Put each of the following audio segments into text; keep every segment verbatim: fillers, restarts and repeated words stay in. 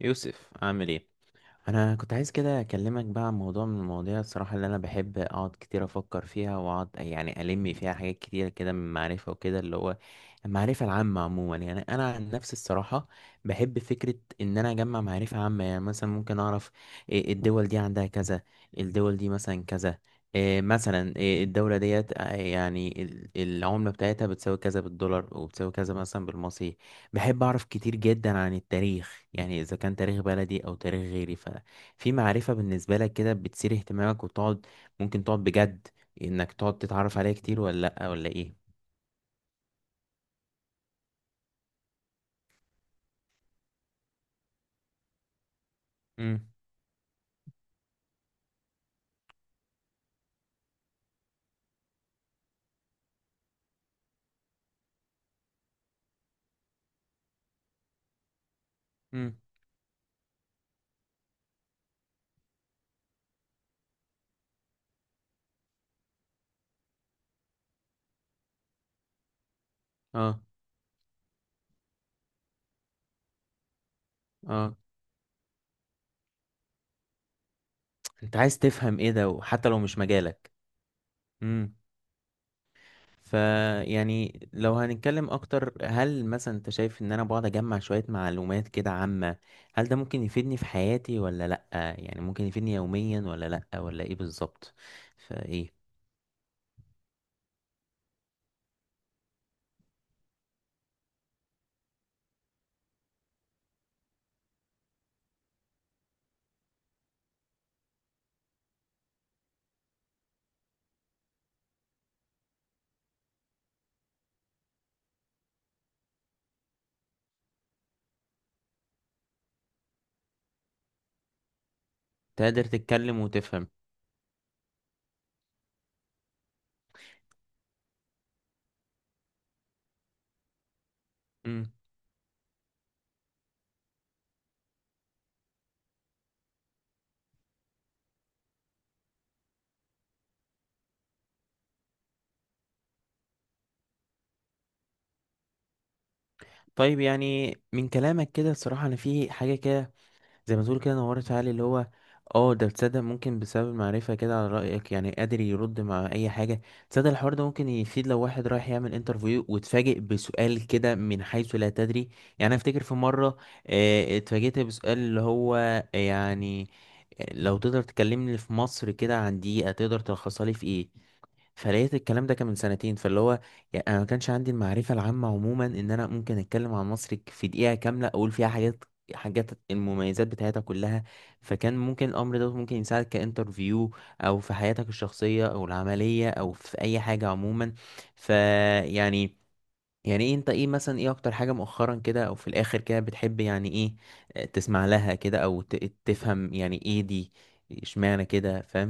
يوسف، عامل ايه؟ انا كنت عايز كده اكلمك بقى عن موضوع من المواضيع الصراحه اللي انا بحب اقعد كتير افكر فيها واقعد يعني الم فيها حاجات كتير كده من معرفه وكده اللي هو المعرفه العامه عموما. يعني انا عن نفسي الصراحه بحب فكره ان انا اجمع معرفه عامه. يعني مثلا ممكن اعرف إيه الدول دي عندها كذا، الدول دي مثلا كذا. إيه مثلا إيه الدولة ديت آه، يعني ال- العملة بتاعتها بتساوي كذا بالدولار وبتساوي كذا مثلا بالمصري. بحب أعرف كتير جدا عن التاريخ، يعني إذا كان تاريخ بلدي أو تاريخ غيري. ففي معرفة بالنسبة لك كده بتثير اهتمامك وتقعد، ممكن تقعد بجد إنك تقعد تتعرف عليها كتير ولا لأ ولا إيه؟ امم. امم. اه، اه. أنت عايز تفهم إيه ده وحتى لو مش مجالك. امم. فيعني لو هنتكلم أكتر، هل مثلا أنت شايف إن أنا بقعد أجمع شوية معلومات كده عامة؟ هل ده ممكن يفيدني في حياتي ولا لأ؟ يعني ممكن يفيدني يوميا ولا لأ ولا إيه بالظبط؟ فإيه. تقدر تتكلم وتفهم. مم. طيب، يعني من كلامك كده الصراحة أنا في حاجة كده، زي ما تقول كده نورت في عقلي اللي هو اه ده. تصدق ممكن بسبب المعرفة كده على رأيك يعني قادر يرد مع أي حاجة. تصدق الحوار ده ممكن يفيد لو واحد رايح يعمل انترفيو واتفاجئ بسؤال كده من حيث لا تدري. يعني أنا أفتكر في مرة آه، اتفاجئت بسؤال اللي هو، يعني لو تقدر تكلمني في مصر كده عن دقيقة تقدر تلخصها لي في ايه. فلقيت الكلام ده كان من سنتين. فاللي هو يعني انا ما كانش عندي المعرفه العامه عموما ان انا ممكن اتكلم عن مصر ك- في دقيقه كامله اقول فيها حاجات حاجات المميزات بتاعتها كلها. فكان ممكن الامر ده ممكن يساعدك كانترفيو، او في حياتك الشخصيه او العمليه او في اي حاجه عموما. فيعني يعني يعني ايه، انت ايه مثلا ايه اكتر حاجه مؤخرا كده او في الاخر كده بتحب يعني ايه؟ آه، تسمع لها كده او ت- تفهم يعني ايه دي؟ اشمعنى كده، فاهم؟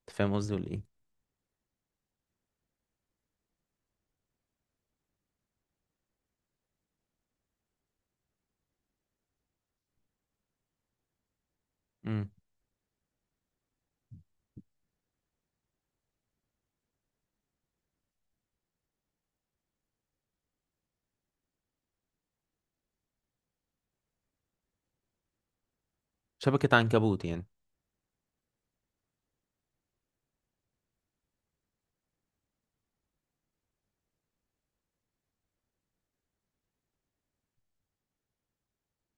أنت فاهم قصدي ولا ايه؟ إمم. شبكة عنكبوت يعني.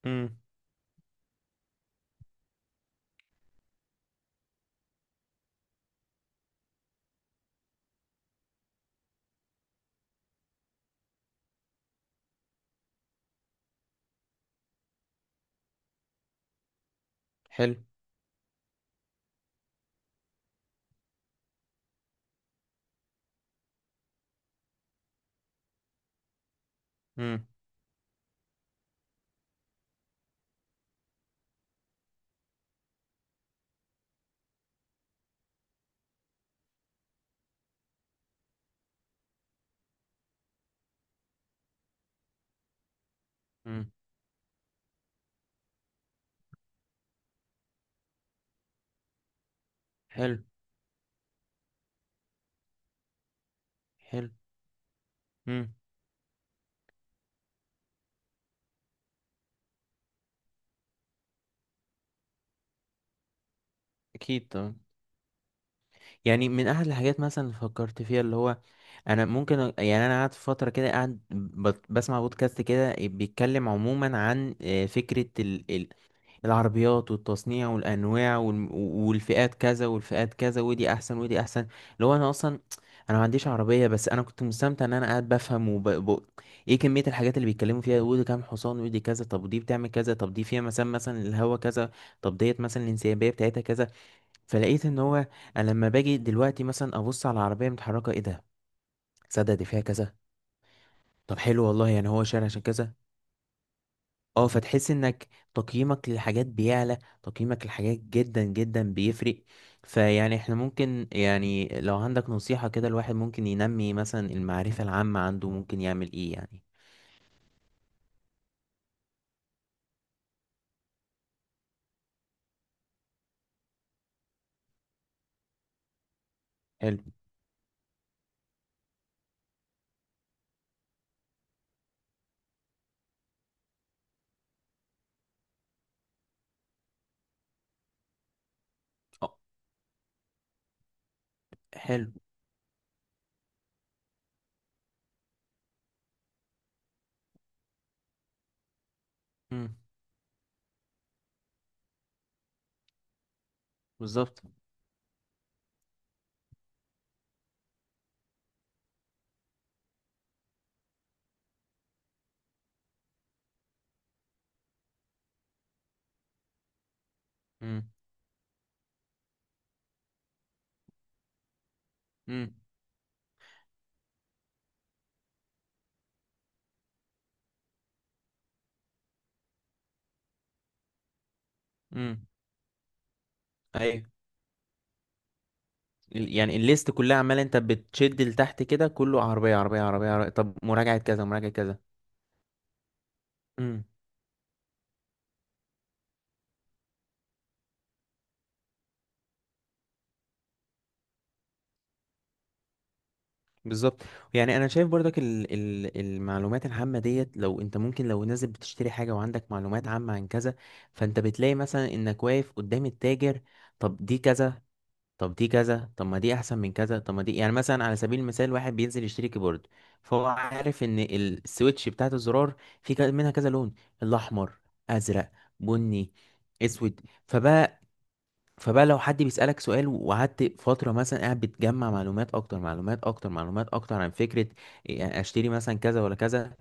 امم. حلو. امم. مم. حلو. حلو. امم. اكيد طبعا. يعني من احد الحاجات مثلا اللي فكرت فيها اللي هو انا ممكن أ- يعني انا قاعد في فتره كده قاعد بت- بسمع بودكاست كده بيتكلم عموما عن آه، فكره العربيات والتصنيع والانواع والم- والفئات كذا والفئات كذا، ودي احسن ودي احسن. لو انا اصلا انا ما عنديش عربيه، بس انا كنت مستمتع ان انا قاعد بفهم وب... ب... ايه كميه الحاجات اللي بيتكلموا فيها، ودي كام حصان ودي كذا، طب ودي بتعمل كذا، طب دي فيها مثلا مثلا الهوا كذا، طب ديت مثلا الانسيابيه بتاعتها كذا. فلقيت ان هو انا لما باجي دلوقتي مثلا ابص على العربيه متحركه ايه ده، تصدق دي فيها كذا. طب حلو والله، يعني هو شارع عشان كذا. اه، فتحس انك تقييمك للحاجات بيعلى، تقييمك للحاجات جدا جدا بيفرق. فيعني احنا ممكن يعني لو عندك نصيحة كده، الواحد ممكن ينمي مثلا المعرفة العامة عنده، ممكن يعمل ايه يعني؟ حلو. اه. حلو. امم. بالظبط. امم. امم. امم. ايوه. ال- يعني الليست كلها عمال انت بتشد لتحت كده، كله عربية عربية عربية عربية، طب مراجعة كذا مراجعة كذا. بالظبط. يعني انا شايف برضك ال ال المعلومات العامه ديت، لو انت ممكن لو نازل بتشتري حاجه وعندك معلومات عامه عن كذا، فانت بتلاقي مثلا انك واقف قدام التاجر. طب دي كذا، طب دي كذا، طب ما دي احسن من كذا، طب ما دي. يعني مثلا على سبيل المثال واحد بينزل يشتري كيبورد، فهو عارف ان السويتش بتاعت الزرار في ك- منها كذا لون: الاحمر، ازرق، بني، اسود. فبقى فبقى لو حد بيسألك سؤال وقعدت فترة مثلا قاعد بتجمع معلومات أكتر، معلومات أكتر، معلومات أكتر عن فكرة. إيه، يعني أشتري مثلا كذا ولا كذا؟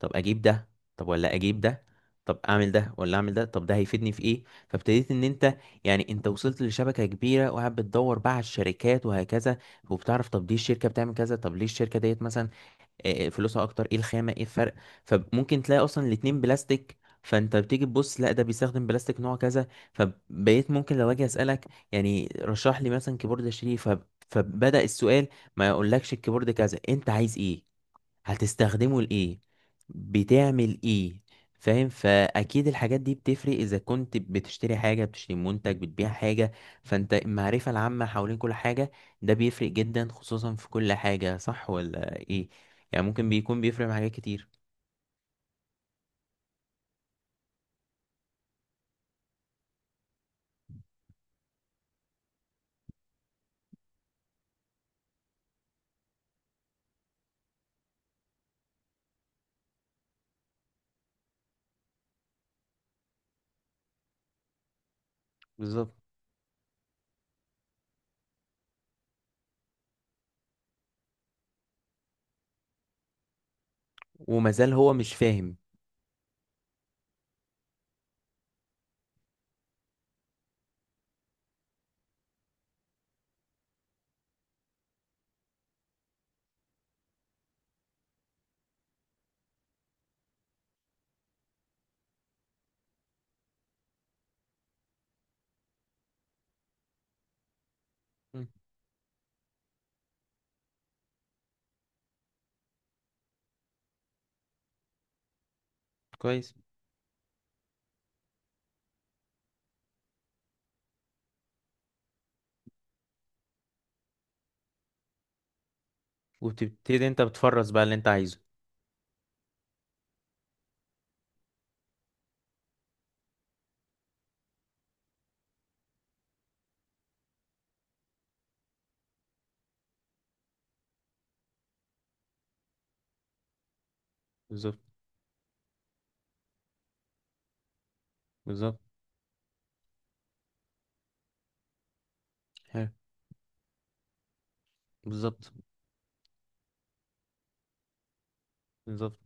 طب أجيب ده؟ طب ولا أجيب ده؟ طب أعمل ده ولا أعمل ده؟ طب ده هيفيدني في إيه؟ فابتديت إن أنت، يعني أنت وصلت لشبكة كبيرة وقاعد بتدور بقى على الشركات وهكذا، وبتعرف طب دي الشركة بتعمل كذا، طب ليه الشركة ديت مثلا إيه فلوسها اكتر، ايه الخامه، ايه الفرق؟ فممكن تلاقي اصلا الاتنين بلاستيك. فانت بتيجي تبص لا ده بيستخدم بلاستيك نوع كذا. فبقيت ممكن لو اجي اسالك يعني رشح لي مثلا كيبورد اشتريه، فب- فبدأ السؤال. ما يقولكش الكيبورد كذا، انت عايز ايه؟ هتستخدمه لإيه؟ بتعمل إيه؟ فاهم؟ فأكيد الحاجات دي بتفرق، إذا كنت بتشتري حاجة، بتشتري منتج، بتبيع حاجة، فأنت المعرفة العامة حوالين كل حاجة ده بيفرق جدا، خصوصا في كل حاجة، صح ولا إيه؟ يعني ممكن بيكون بيفرق مع حاجات كتير. بالظبط. ومازال هو مش فاهم. مم. كويس. وبتبتدي أنت بتفرز بقى اللي أنت عايزه. بالظبط. بالظبط. حلو. بالظبط. بالظبط.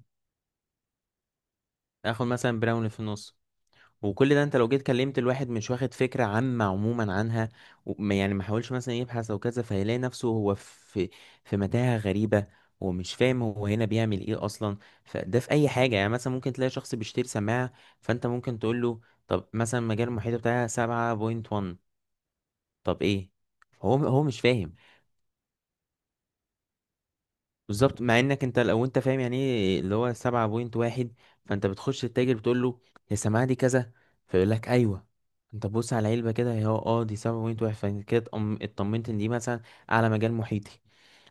آخد مثلا براوني في النص. وكل ده انت لو جيت كلمت الواحد مش واخد فكرة عامة عموما عنها، وما- يعني ما حاولش مثلا يبحث او كذا، فهيلاقي نفسه هو في في متاهة غريبة، ومش فاهم هو هنا بيعمل ايه اصلا. فده في اي حاجة. يعني مثلا ممكن تلاقي شخص بيشتري سماعة، فانت ممكن تقول له طب مثلا مجال المحيط بتاعها سبعة نقطة واحد. طب ايه؟ هو هو مش فاهم. بالظبط، مع انك انت لو انت فاهم يعني ايه اللي هو سبعة بوينت واحد. فانت بتخش التاجر بتقول له يا سماعة دي كذا، فيقول لك ايوه. انت بص على العلبة كده هي اه دي سبعة بوينت واحد، فكده اطمنت ان دي مثلا اعلى مجال محيطي،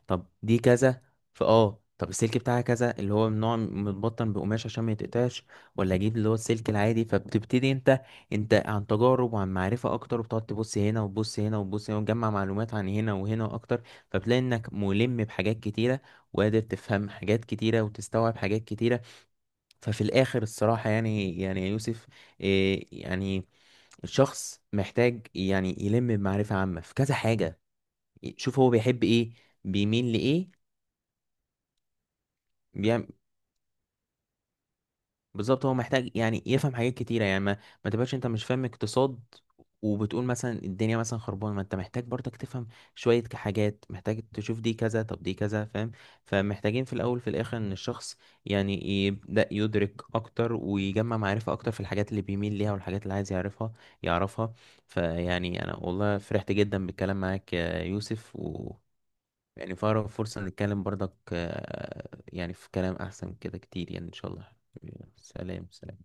طب دي كذا. فاه طب السلك بتاعها كذا اللي هو من نوع متبطن بقماش عشان ما يتقطعش، ولا اجيب اللي هو السلك العادي؟ فبتبتدي انت انت عن تجارب وعن معرفة اكتر، وبتقعد تبص هنا وتبص هنا وتبص هنا وتجمع معلومات عن هنا وهنا اكتر. فبتلاقي انك ملم بحاجات كتيرة، وقادر تفهم حاجات كتيرة وتستوعب حاجات كتيرة. ففي الاخر الصراحة يعني يعني يا يوسف، إيه يعني. الشخص محتاج يعني يلم بمعرفة عامة في كذا حاجة. شوف هو بيحب ايه، بيميل لايه، بيعمل. بالظبط، هو محتاج يعني يفهم حاجات كتيرة، يعني ما, ما تبقاش انت مش فاهم اقتصاد، وبتقول مثلا الدنيا مثلا خربانة. ما انت محتاج برضك تفهم شوية ك- حاجات، محتاج تشوف دي كذا طب دي كذا، فاهم؟ فمحتاجين في الأول في الآخر إن الشخص يعني يبدأ يدرك أكتر ويجمع معرفة أكتر في الحاجات اللي بيميل ليها والحاجات اللي عايز يعرفها يعرفها فيعني أنا والله فرحت جدا بالكلام معاك يا يوسف. يعني فأقرب فرصة نتكلم برضك، آه، يعني في كلام أحسن كده كتير، يعني إن شاء الله. سلام سلام.